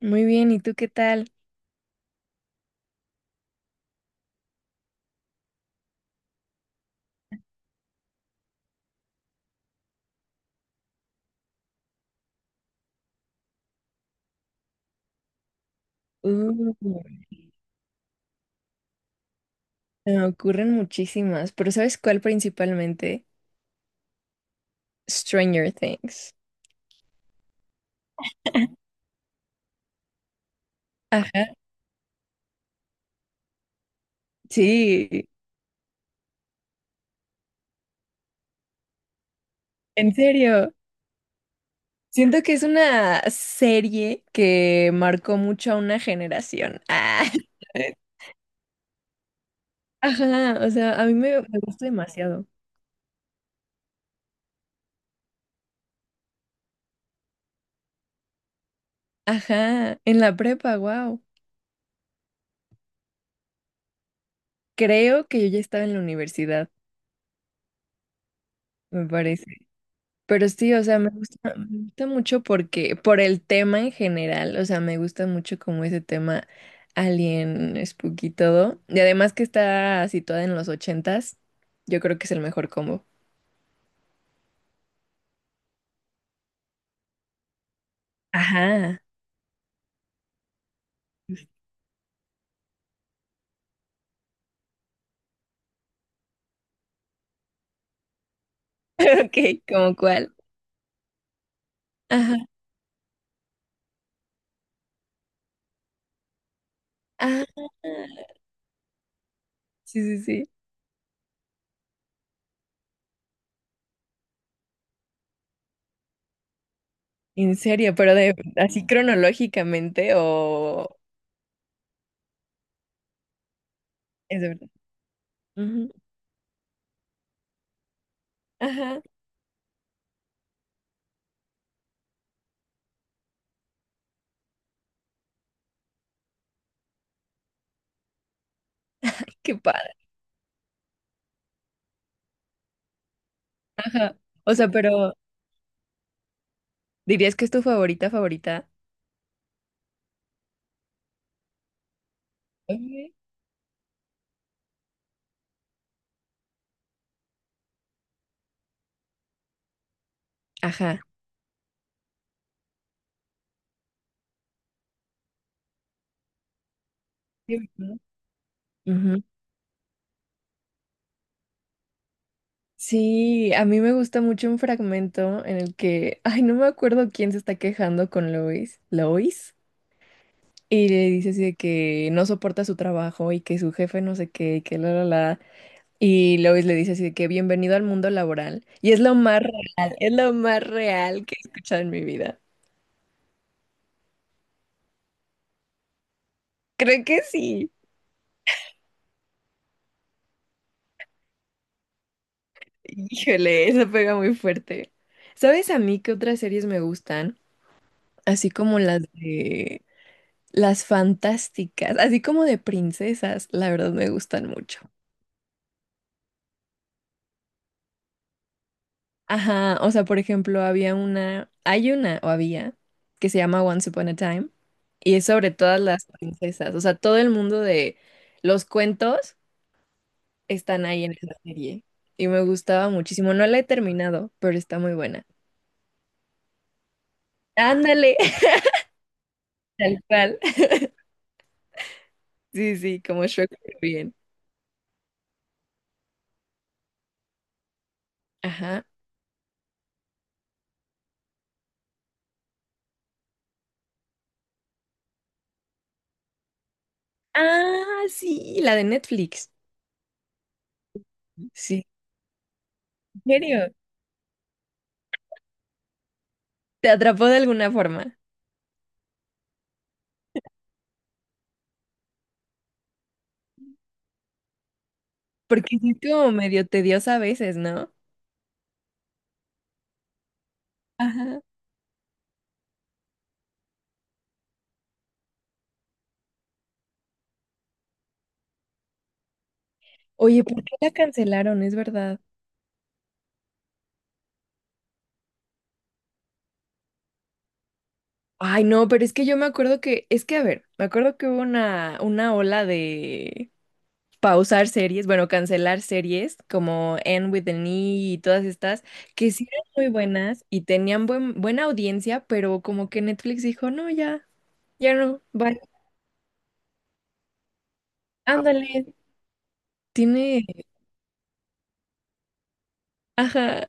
Muy bien, ¿y tú qué tal? Uh, Me ocurren muchísimas, pero ¿sabes cuál principalmente? Stranger Things. Ajá, sí, en serio. Siento que es una serie que marcó mucho a una generación. Ah. Ajá, o sea, a mí me gusta demasiado. Ajá, en la prepa, wow. Creo que yo ya estaba en la universidad, me parece. Pero sí, o sea, me gusta mucho porque, por el tema en general, o sea, me gusta mucho como ese tema alien, spooky y todo. Y además que está situada en los ochentas, yo creo que es el mejor combo. Ajá. Ok, ¿como cuál? Ajá. Ah, sí, sí, sí. En serio, pero de así cronológicamente o es de verdad. Ujú. Ajá, qué padre. Ajá. O sea, pero ¿dirías que es tu favorita favorita? Ujú. Ajá. Sí. Ujú. Sí, a mí me gusta mucho un fragmento en el que, ay, no me acuerdo quién se está quejando con Lois, y le dice así de que no soporta su trabajo y que su jefe no sé qué, y que la, y Lois le dice así de que bienvenido al mundo laboral, y es lo más real, es lo más real que he escuchado en mi vida. Creo que sí. Híjole, eso pega muy fuerte. ¿Sabes a mí qué otras series me gustan? Así como las de... Las fantásticas, así como de princesas, la verdad me gustan mucho. Ajá, o sea, por ejemplo, había una, hay una o había que se llama Once Upon a Time y es sobre todas las princesas, o sea, todo el mundo de los cuentos están ahí en esa serie y me gustaba muchísimo. No la he terminado, pero está muy buena. Ándale, tal cual. Sí, sí, como Shrek, pero bien. Ajá. Ah, sí, la de Netflix. Sí, ¿en serio? ¿Te atrapó de alguna forma? Porque sí es como medio tediosa a veces, ¿no? Ajá. Oye, ¿por qué la cancelaron? Es verdad. Ay, no, pero es que yo me acuerdo que, es que a ver, me acuerdo que hubo una ola de pausar series, bueno, cancelar series como End with the Knee y todas estas, que sí eran muy buenas y tenían buena audiencia, pero como que Netflix dijo, no, ya, ya no, vale, ándale, tiene, ajá,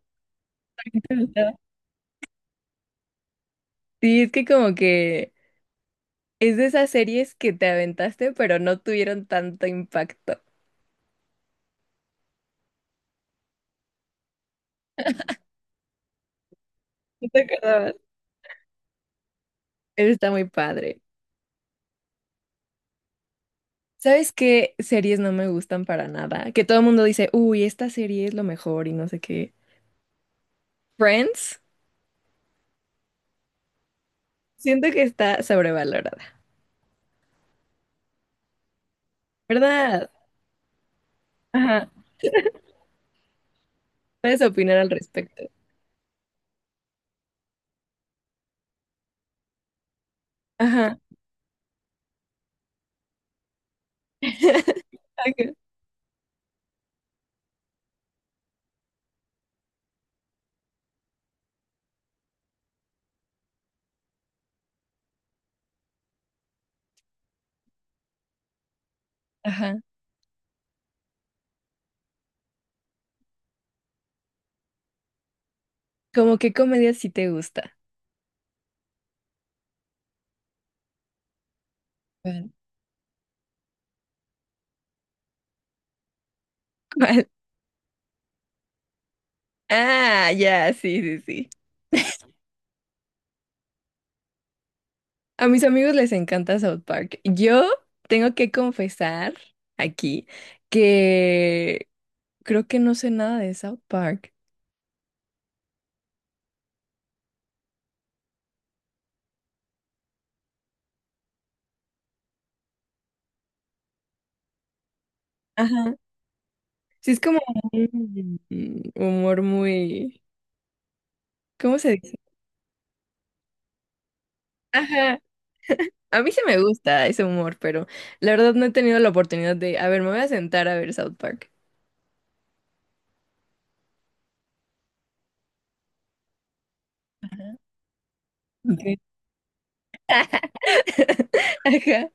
sí, es que como que es de esas series que te aventaste, pero no tuvieron tanto impacto. No te acordabas. Está muy padre. ¿Sabes qué series no me gustan para nada? Que todo el mundo dice, uy, esta serie es lo mejor y no sé qué. Friends, siento que está sobrevalorada, ¿verdad? Ajá. Puedes opinar al respecto. Ajá. Ok. Ajá. ¿Cómo qué comedia sí te gusta? Bueno. ¿Cuál? Ah, ya, sí, sí, sí. A mis amigos les encanta South Park. Yo tengo que confesar aquí que creo que no sé nada de South Park. Ajá. Sí, es como un humor muy... ¿Cómo se dice? Ajá. A mí sí me gusta ese humor, pero la verdad no he tenido la oportunidad de... A ver, me voy a sentar a ver South Park. Ok. Ajá.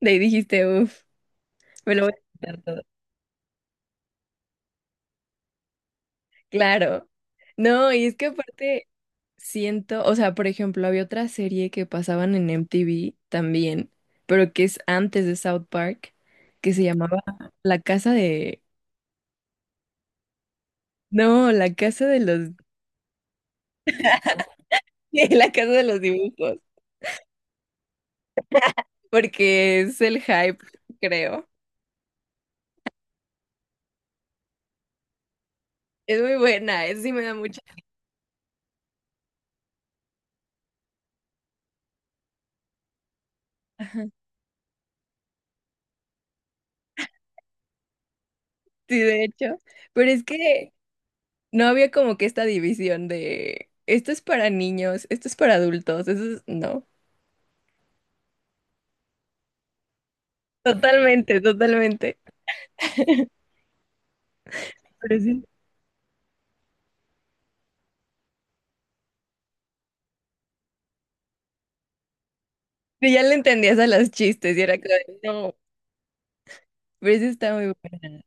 De ahí dijiste, uff, me lo voy a sentar todo. Claro. No, y es que aparte... Siento, o sea, por ejemplo, había otra serie que pasaban en MTV también, pero que es antes de South Park, que se llamaba La Casa de... No, La Casa de los... La Casa de los Dibujos, porque es el hype, creo. Es muy buena, es, sí me da mucha... Ajá, sí, de hecho, pero es que no había como que esta división de esto es para niños, esto es para adultos, eso es... No, totalmente, totalmente. Pero sí. Pero ya le entendías a los chistes y era como, de, no, pero esa está muy buena.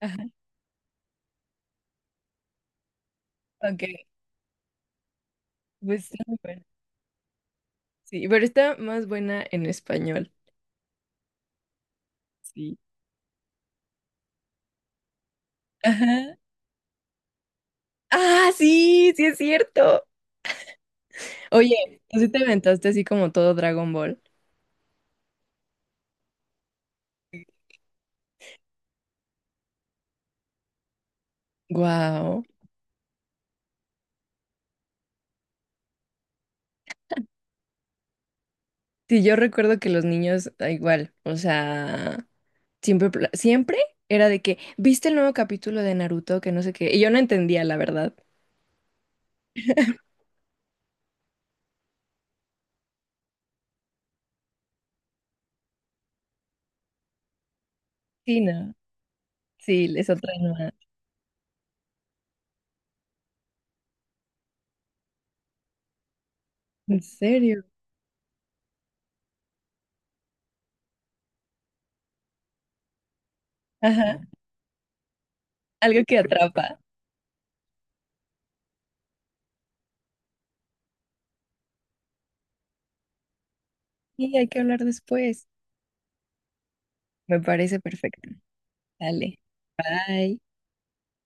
Ajá, ok, pues está muy buena. Sí, pero está más buena en español. Sí. Ajá. Ah, sí, sí es cierto. Oye, ¿tú sí te aventaste así como todo Dragon Ball? Wow. Sí, yo recuerdo que los niños, da igual, o sea, siempre, siempre era de que, ¿viste el nuevo capítulo de Naruto? Que no sé qué. Y yo no entendía, la verdad. Sí, no. Sí, les otra nueva. ¿En serio? Ajá. Algo que atrapa. Y hay que hablar después. Me parece perfecto. Dale. Bye.